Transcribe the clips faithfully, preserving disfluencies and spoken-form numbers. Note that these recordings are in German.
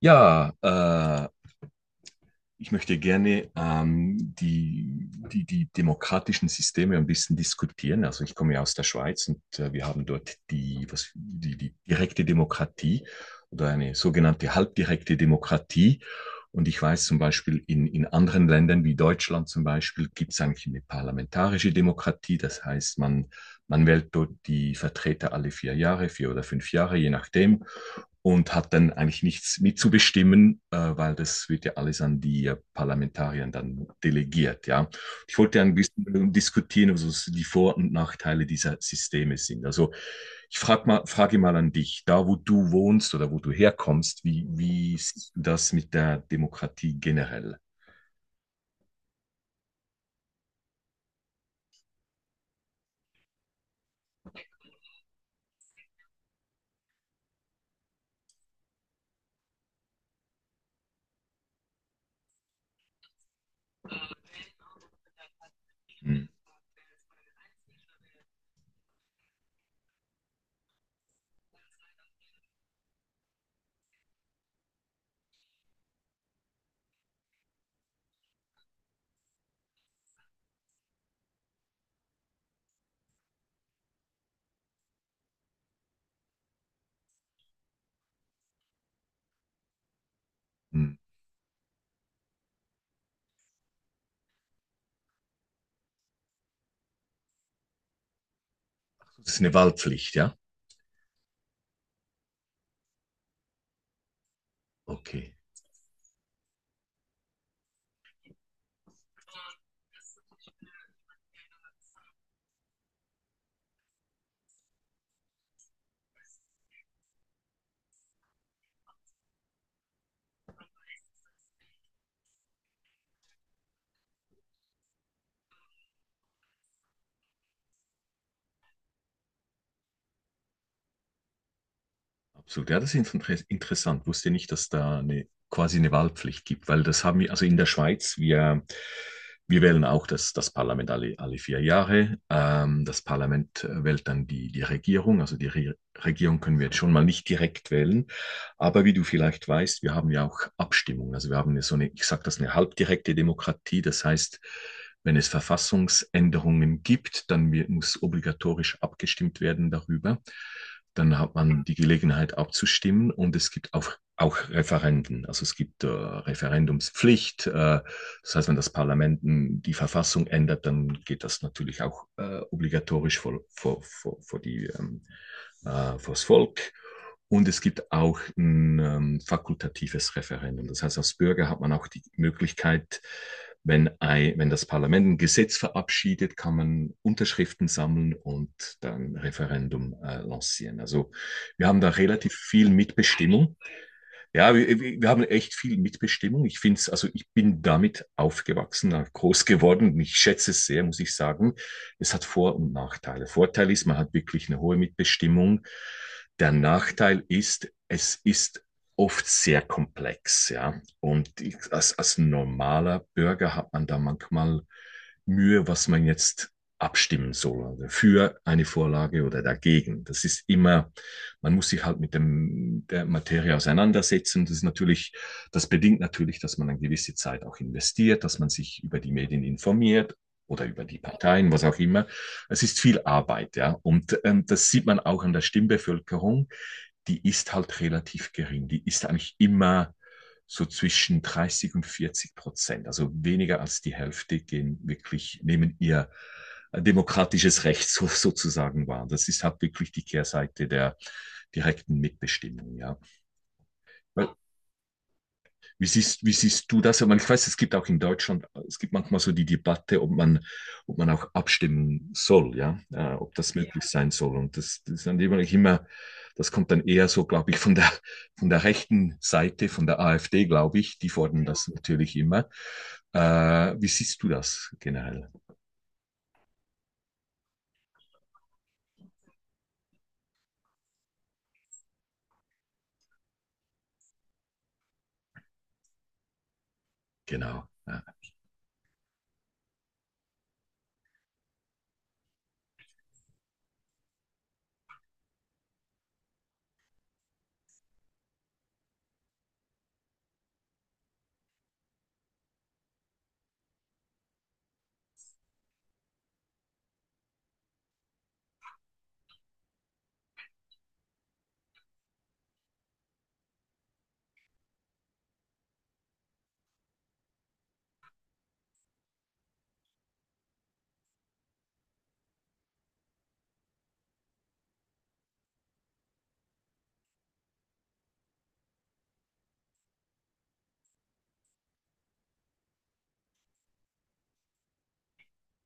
Ja, äh, ich möchte gerne ähm, die, die, die demokratischen Systeme ein bisschen diskutieren. Also ich komme ja aus der Schweiz und äh, wir haben dort die, was, die, die direkte Demokratie oder eine sogenannte halbdirekte Demokratie. Und ich weiß zum Beispiel, in, in anderen Ländern wie Deutschland zum Beispiel gibt es eigentlich eine parlamentarische Demokratie. Das heißt, man, man wählt dort die Vertreter alle vier Jahre, vier oder fünf Jahre, je nachdem, und hat dann eigentlich nichts mitzubestimmen, äh, weil das wird ja alles an die äh, Parlamentarier dann delegiert. Ja, ich wollte ja ein bisschen diskutieren, also was die Vor- und Nachteile dieser Systeme sind. Also ich frage mal, frage mal an dich, da wo du wohnst oder wo du herkommst, wie, wie siehst du das mit der Demokratie generell? Hm. Hm. Das ist eine Wahlpflicht, ja? Okay. Absolut, ja, das ist inter- interessant. Wusste nicht, dass da eine, quasi eine Wahlpflicht gibt, weil das haben wir, also in der Schweiz, wir, wir wählen auch das, das Parlament alle, alle vier Jahre. Ähm, das Parlament äh, wählt dann die, die Regierung, also die Re Regierung können wir jetzt schon mal nicht direkt wählen, aber wie du vielleicht weißt, wir haben ja auch Abstimmungen. Also wir haben ja so eine, ich sage das, eine halbdirekte Demokratie. Das heißt, wenn es Verfassungsänderungen gibt, dann muss obligatorisch abgestimmt werden darüber. Dann hat man die Gelegenheit abzustimmen, und es gibt auch, auch Referenden. Also es gibt äh, Referendumspflicht. Äh, das heißt, wenn das Parlament hm, die Verfassung ändert, dann geht das natürlich auch äh, obligatorisch vor, vor, vor, vor die, ähm, äh, vors Volk. Und es gibt auch ein ähm, fakultatives Referendum. Das heißt, als Bürger hat man auch die Möglichkeit, wenn, ein, wenn das Parlament ein Gesetz verabschiedet, kann man Unterschriften sammeln und dann ein Referendum äh, lancieren. Also wir haben da relativ viel Mitbestimmung. Ja, wir, wir haben echt viel Mitbestimmung. Ich finde es, also ich bin damit aufgewachsen, äh, groß geworden. Ich schätze es sehr, muss ich sagen. Es hat Vor- und Nachteile. Vorteil ist, man hat wirklich eine hohe Mitbestimmung. Der Nachteil ist, es ist oft sehr komplex, ja. Und ich, als, als normaler Bürger hat man da manchmal Mühe, was man jetzt abstimmen soll, also für eine Vorlage oder dagegen. Das ist immer, man muss sich halt mit dem, der Materie auseinandersetzen. Das ist natürlich, das bedingt natürlich, dass man eine gewisse Zeit auch investiert, dass man sich über die Medien informiert oder über die Parteien, was auch immer. Es ist viel Arbeit, ja. Und ähm, das sieht man auch an der Stimmbevölkerung, die ist halt relativ gering. Die ist eigentlich immer so zwischen dreißig und vierzig Prozent. Also weniger als die Hälfte gehen wirklich, nehmen ihr demokratisches Recht so, sozusagen wahr. Das ist halt wirklich die Kehrseite der direkten Mitbestimmung, ja. Weil, wie siehst, wie siehst du das? Ich meine, ich weiß, es gibt auch in Deutschland, es gibt manchmal so die Debatte, ob man, ob man auch abstimmen soll, ja, äh, ob das möglich sein soll. Und das, das ist dann immer, das kommt dann eher so, glaube ich, von der, von der rechten Seite, von der AfD, glaube ich, die fordern, ja, das natürlich immer. Äh, wie siehst du das generell? Genau. Ja.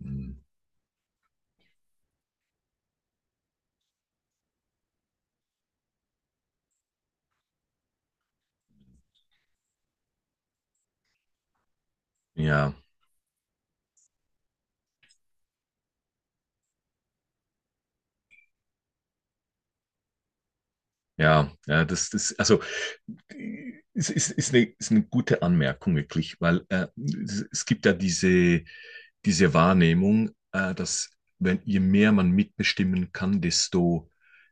Hm. Ja, ja, ja, das, das, also ist, ist, ist, eine, ist eine gute Anmerkung wirklich, weil äh, es gibt ja diese, diese Wahrnehmung, äh, dass wenn, je mehr man mitbestimmen kann, desto,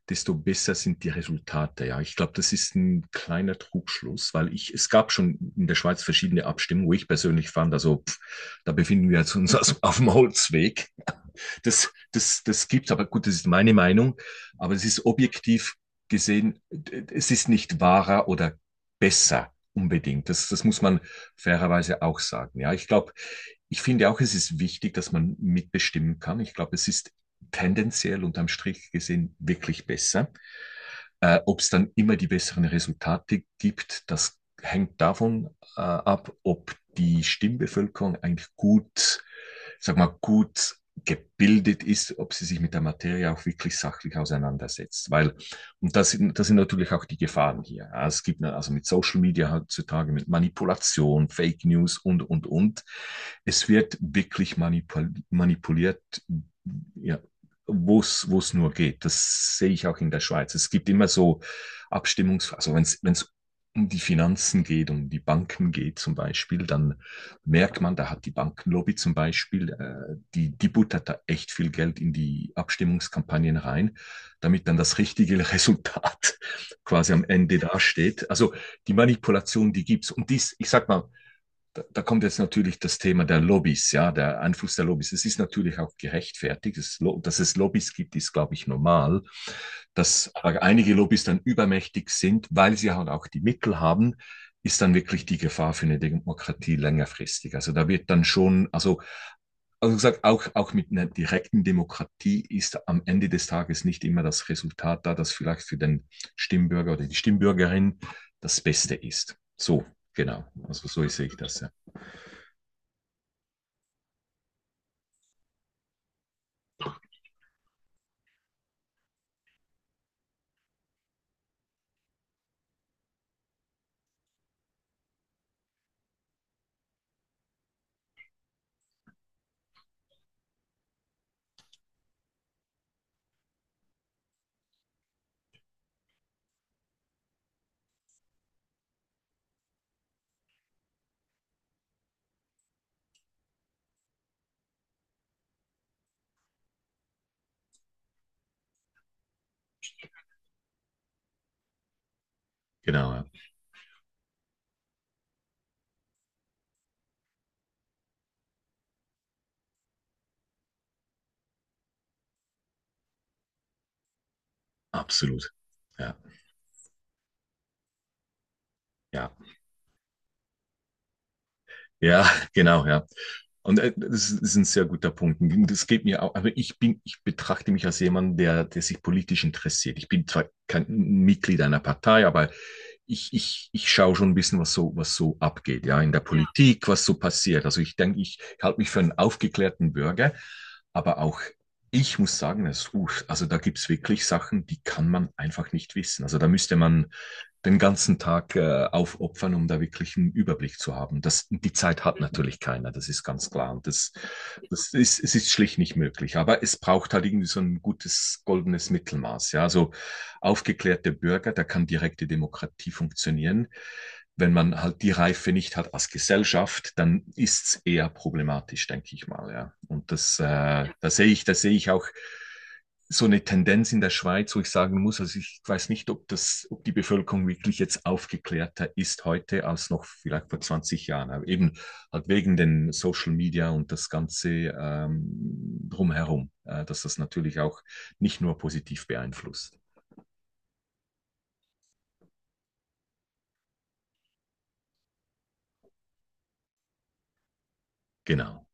desto besser sind die Resultate. Ja, ich glaube, das ist ein kleiner Trugschluss, weil ich, es gab schon in der Schweiz verschiedene Abstimmungen, wo ich persönlich fand, also pff, da befinden wir uns also auf dem Holzweg. Das, das, das gibt's, aber gut, das ist meine Meinung. Aber es ist objektiv gesehen, es ist nicht wahrer oder besser unbedingt. Das, das muss man fairerweise auch sagen. Ja, ich glaube, ich finde auch, es ist wichtig, dass man mitbestimmen kann. Ich glaube, es ist tendenziell unterm Strich gesehen wirklich besser. Äh, ob es dann immer die besseren Resultate gibt, das hängt davon äh, ab, ob die Stimmbevölkerung eigentlich gut, sag mal, gut gebildet ist, ob sie sich mit der Materie auch wirklich sachlich auseinandersetzt. Weil, und das sind, das sind natürlich auch die Gefahren hier. Ja, es gibt ne, also mit Social Media heutzutage, mit Manipulation, Fake News und, und, und. Es wird wirklich manipul manipuliert, ja, wo es wo es nur geht. Das sehe ich auch in der Schweiz. Es gibt immer so Abstimmungs, also wenn es wenn es um die Finanzen geht, um die Banken geht zum Beispiel, dann merkt man, da hat die Bankenlobby zum Beispiel, äh, die, die buttert da echt viel Geld in die Abstimmungskampagnen rein, damit dann das richtige Resultat quasi am Ende dasteht. Also die Manipulation, die gibt's. Und dies, ich sag mal, da, da kommt jetzt natürlich das Thema der Lobbys, ja, der Einfluss der Lobbys. Es ist natürlich auch gerechtfertigt. Es, dass es Lobbys gibt, ist, glaube ich, normal. Dass aber einige Lobbys dann übermächtig sind, weil sie halt auch die Mittel haben, ist dann wirklich die Gefahr für eine Demokratie längerfristig. Also da wird dann schon, also, also gesagt, auch, auch mit einer direkten Demokratie ist am Ende des Tages nicht immer das Resultat da, das vielleicht für den Stimmbürger oder die Stimmbürgerin das Beste ist. So, genau. Also so sehe ich das, ja. Genau, ja. Absolut. Ja, ja, ja, genau, ja. Und äh, das ist das ist ein sehr guter Punkt. Und das geht mir auch, aber ich bin, ich betrachte mich als jemand, der, der sich politisch interessiert. Ich bin zwar kein Mitglied einer Partei, aber ich, ich, ich schaue schon ein bisschen, was so, was so abgeht, ja, in der, ja, Politik, was so passiert. Also ich denke, ich halte mich für einen aufgeklärten Bürger, aber auch ich muss sagen, das, uh, also da gibt's wirklich Sachen, die kann man einfach nicht wissen. Also da müsste man den ganzen Tag äh, aufopfern, um da wirklich einen Überblick zu haben. Das, die Zeit hat natürlich keiner, das ist ganz klar. Und das, das ist, es ist schlicht nicht möglich. Aber es braucht halt irgendwie so ein gutes goldenes Mittelmaß. Ja, also aufgeklärte Bürger, da kann direkte Demokratie funktionieren. Wenn man halt die Reife nicht hat als Gesellschaft, dann ist es eher problematisch, denke ich mal. Ja, und das, äh, da sehe ich, da sehe ich auch so eine Tendenz in der Schweiz, wo ich sagen muss, also ich weiß nicht, ob das, ob die Bevölkerung wirklich jetzt aufgeklärter ist heute als noch vielleicht vor zwanzig Jahren. Aber eben halt wegen den Social Media und das Ganze ähm, drumherum, äh, dass das natürlich auch nicht nur positiv beeinflusst. Genau.